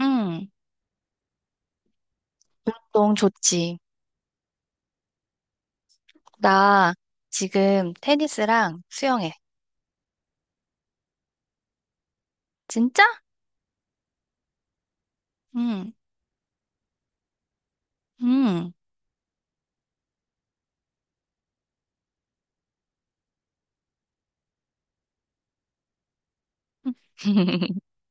응, 운동 좋지. 나 지금 테니스랑 수영해. 진짜? 응, 응,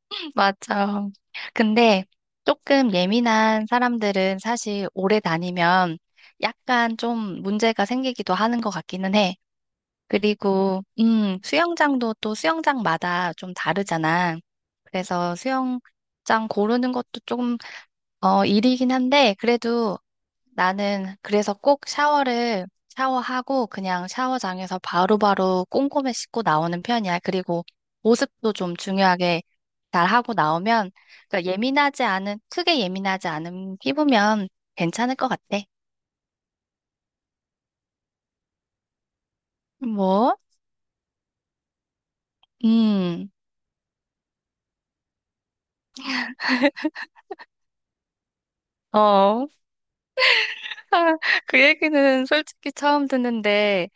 맞아. 근데 조금 예민한 사람들은 사실 오래 다니면 약간 좀 문제가 생기기도 하는 것 같기는 해. 그리고, 수영장도 또 수영장마다 좀 다르잖아. 그래서 수영장 고르는 것도 조금, 일이긴 한데, 그래도 나는 그래서 꼭 샤워를 샤워하고 그냥 샤워장에서 바로바로 꼼꼼히 씻고 나오는 편이야. 그리고 보습도 좀 중요하게 잘 하고 나오면 그러니까 예민하지 않은 크게 예민하지 않은 피부면 괜찮을 것 같아. 뭐? 음. 어. 그 얘기는 솔직히 처음 듣는데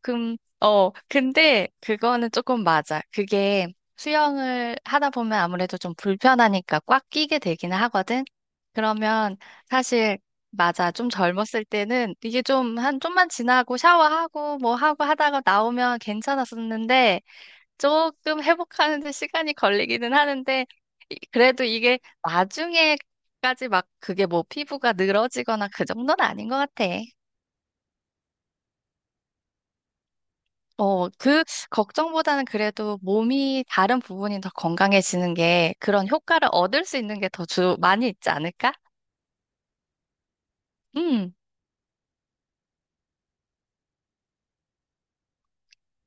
근데 그거는 조금 맞아. 그게 수영을 하다 보면 아무래도 좀 불편하니까 꽉 끼게 되기는 하거든. 그러면 사실 맞아. 좀 젊었을 때는 이게 좀 한 좀만 지나고 샤워하고 뭐 하고 하다가 나오면 괜찮았었는데 조금 회복하는데 시간이 걸리기는 하는데 그래도 이게 나중에까지 막 그게 뭐 피부가 늘어지거나 그 정도는 아닌 것 같아. 어, 그 걱정보다는 그래도 몸이 다른 부분이 더 건강해지는 게 그런 효과를 얻을 수 있는 게 더 주 많이 있지 않을까? 음.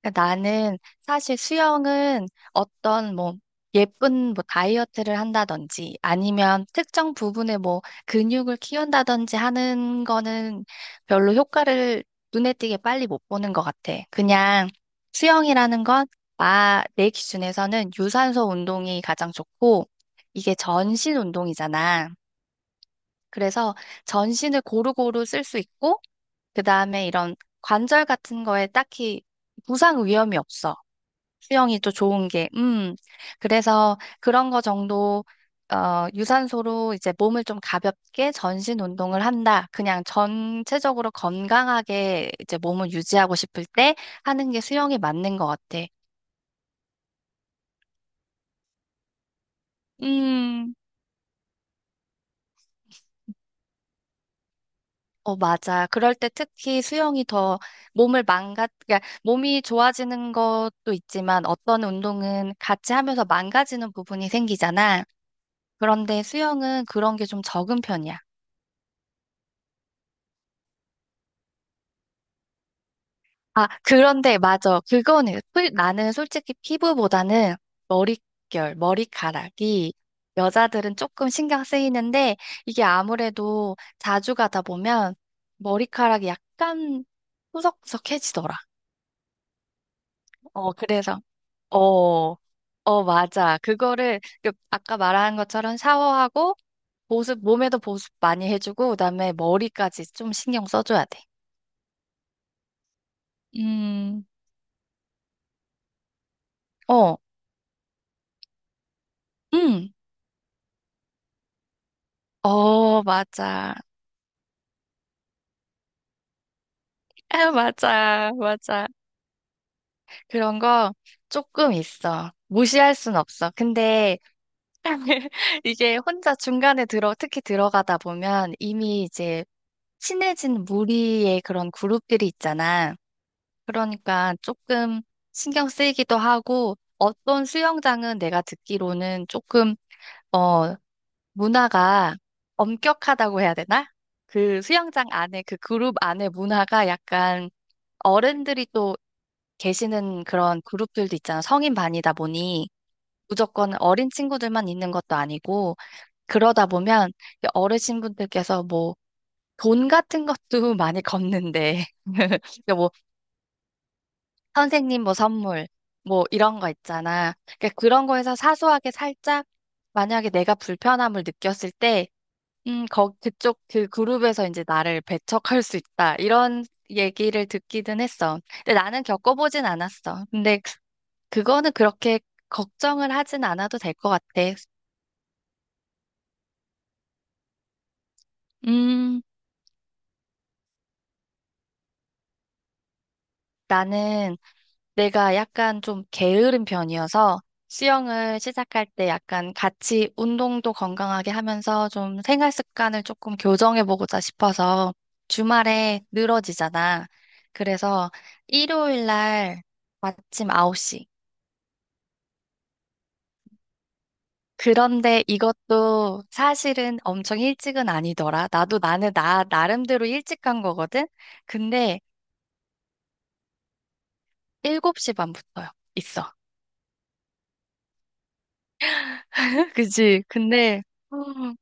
그러니까 나는 사실 수영은 어떤 뭐 예쁜 뭐 다이어트를 한다든지 아니면 특정 부분에 뭐 근육을 키운다든지 하는 거는 별로 효과를 눈에 띄게 빨리 못 보는 것 같아. 그냥 수영이라는 건 내 기준에서는 유산소 운동이 가장 좋고 이게 전신 운동이잖아. 그래서 전신을 고루고루 쓸 수 있고 그다음에 이런 관절 같은 거에 딱히 부상 위험이 없어. 수영이 또 좋은 게, 그래서 그런 거 정도, 유산소로 이제 몸을 좀 가볍게 전신 운동을 한다. 그냥 전체적으로 건강하게 이제 몸을 유지하고 싶을 때 하는 게 수영이 맞는 것 같아. 음. 어, 맞아. 그럴 때 특히 수영이 더 그러니까 몸이 좋아지는 것도 있지만 어떤 운동은 같이 하면서 망가지는 부분이 생기잖아. 그런데 수영은 그런 게 좀 적은 편이야. 아, 그런데 맞아. 그거는 나는 솔직히 피부보다는 머리카락이 여자들은 조금 신경 쓰이는데 이게 아무래도 자주 가다 보면 머리카락이 약간 푸석푸석해지더라. 어, 그래서 어, 어, 맞아. 그거를 그 아까 말한 것처럼 샤워하고 보습 몸에도 보습 많이 해주고 그다음에 머리까지 좀 신경 써줘야 돼. 음, 어, 음, 어, 맞아. 아, 맞아, 맞아. 그런 거 조금 있어. 무시할 순 없어. 근데 이게 혼자 중간에 특히 들어가다 보면 이미 이제 친해진 무리의 그런 그룹들이 있잖아. 그러니까 조금 신경 쓰이기도 하고 어떤 수영장은 내가 듣기로는 조금, 어, 문화가 엄격하다고 해야 되나? 그 수영장 안에, 그 그룹 안에 문화가 약간 어른들이 또 계시는 그런 그룹들도 있잖아. 성인 반이다 보니 무조건 어린 친구들만 있는 것도 아니고 그러다 보면 어르신분들께서 뭐 돈 같은 것도 많이 걷는데 뭐 선생님 뭐 선물 뭐 이런 거 있잖아. 그러니까 그런 거에서 사소하게 살짝 만약에 내가 불편함을 느꼈을 때 그쪽 그룹에서 이제 나를 배척할 수 있다. 이런 얘기를 듣기는 했어. 근데 나는 겪어보진 않았어. 근데 그거는 그렇게 걱정을 하진 않아도 될 것 같아. 음, 나는 내가 약간 좀 게으른 편이어서 수영을 시작할 때 약간 같이 운동도 건강하게 하면서 좀 생활 습관을 조금 교정해보고자 싶어서 주말에 늘어지잖아. 그래서 일요일 날 아침 9시. 그런데 이것도 사실은 엄청 일찍은 아니더라. 나름대로 일찍 간 거거든? 근데 7시 반부터요. 있어. 그치? 근데, 음,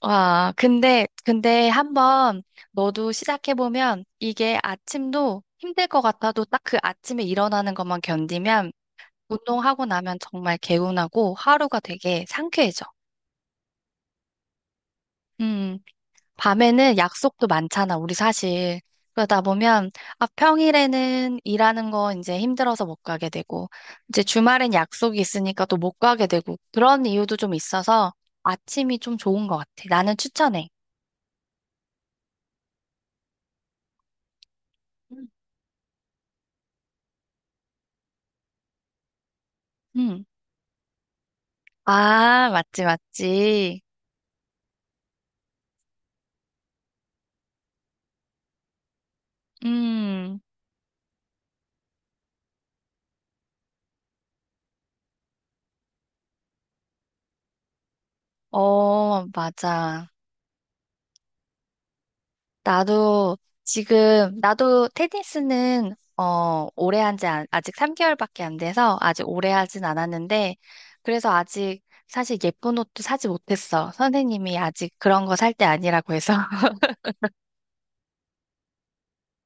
와, 근데 한번 너도 시작해보면 이게 아침도 힘들 것 같아도 딱 그 아침에 일어나는 것만 견디면 운동하고 나면 정말 개운하고 하루가 되게 상쾌해져. 음. 밤에는 약속도 많잖아, 우리 사실. 그러다 보면, 아, 평일에는 일하는 거 이제 힘들어서 못 가게 되고, 이제 주말엔 약속이 있으니까 또 못 가게 되고, 그런 이유도 좀 있어서 아침이 좀 좋은 것 같아. 나는 추천해. 음. 음. 아, 맞지, 맞지. 음, 어, 맞아. 나도 나도 테니스는, 오래 한지 아직 3개월밖에 안 돼서 아직 오래 하진 않았는데, 그래서 아직 사실 예쁜 옷도 사지 못했어. 선생님이 아직 그런 거 살 때 아니라고 해서.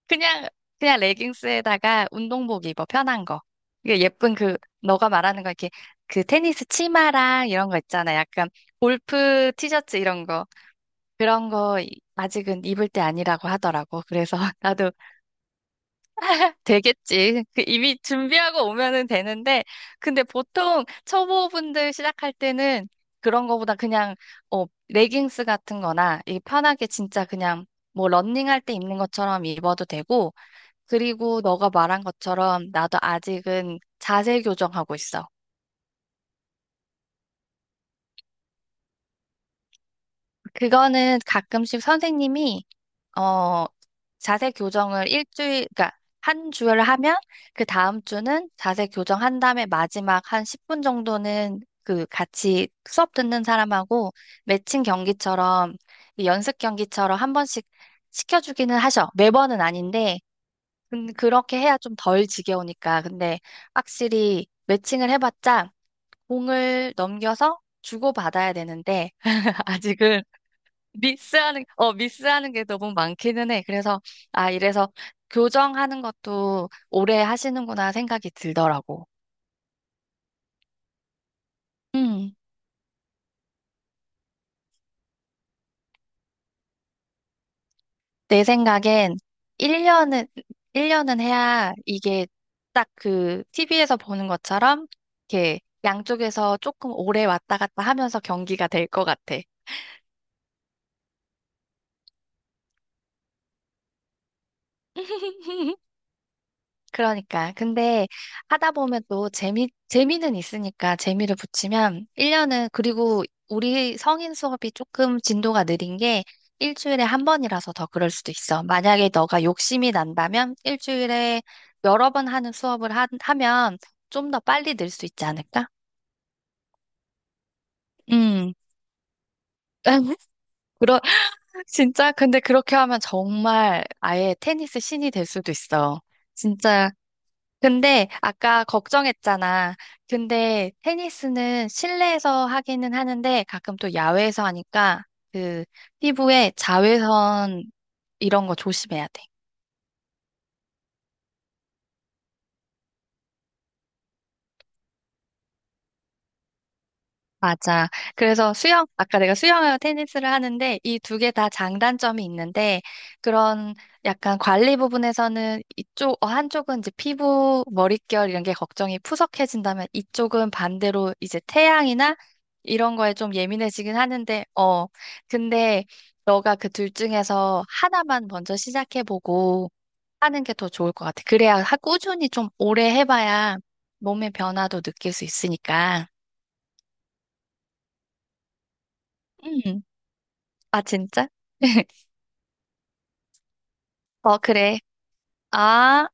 그냥, 그냥 레깅스에다가 운동복 입어, 편한 거. 이게 예쁜 너가 말하는 거 이렇게 그 테니스 치마랑 이런 거 있잖아. 약간 골프 티셔츠 이런 거. 그런 거 아직은 입을 때 아니라고 하더라고. 그래서 나도 되겠지. 그 이미 준비하고 오면은 되는데, 근데 보통 초보분들 시작할 때는 그런 거보다 그냥, 레깅스 같은 거나, 이 편하게 진짜 그냥, 뭐, 러닝할 때 입는 것처럼 입어도 되고, 그리고 너가 말한 것처럼 나도 아직은 자세 교정하고 있어. 그거는 가끔씩 선생님이 어, 자세 교정을 일주일, 그러니까 한 주를 하면 그 다음 주는 자세 교정한 다음에 마지막 한 10분 정도는 그 같이 수업 듣는 사람하고 매칭 경기처럼 이 연습 경기처럼 한 번씩 시켜주기는 하셔. 매번은 아닌데, 그렇게 해야 좀 덜 지겨우니까. 근데 확실히 매칭을 해봤자 공을 넘겨서 주고받아야 되는데, 아직은 미스하는 게 너무 많기는 해. 그래서, 아, 이래서 교정하는 것도 오래 하시는구나 생각이 들더라고. 음, 내 생각엔 1년은, 일 년은 해야 이게 딱 그 TV에서 보는 것처럼 이렇게 양쪽에서 조금 오래 왔다 갔다 하면서 경기가 될 것 같아. 그러니까. 근데 하다 보면 또 재미는 있으니까 재미를 붙이면 1년은, 그리고 우리 성인 수업이 조금 진도가 느린 게 일주일에 한 번이라서 더 그럴 수도 있어. 만약에 너가 욕심이 난다면 일주일에 여러 번 하는 수업을 하면 좀 더 빨리 늘 수 있지 않을까? 음. 그러, 진짜? 근데 그렇게 하면 정말 아예 테니스 신이 될 수도 있어. 진짜 근데 아까 걱정했잖아. 근데 테니스는 실내에서 하기는 하는데 가끔 또 야외에서 하니까 그 피부에 자외선 이런 거 조심해야 돼. 맞아. 그래서 아까 내가 수영하고 테니스를 하는데 이 두 개 다 장단점이 있는데 그런 약간 관리 부분에서는 이쪽, 한쪽은 이제 피부, 머릿결 이런 게 걱정이 푸석해진다면 이쪽은 반대로 이제 태양이나 이런 거에 좀 예민해지긴 하는데, 근데 너가 그 둘 중에서 하나만 먼저 시작해보고 하는 게 더 좋을 것 같아. 그래야 꾸준히 좀 오래 해봐야 몸의 변화도 느낄 수 있으니까. 음. 아, 진짜? 어, 그래. 아,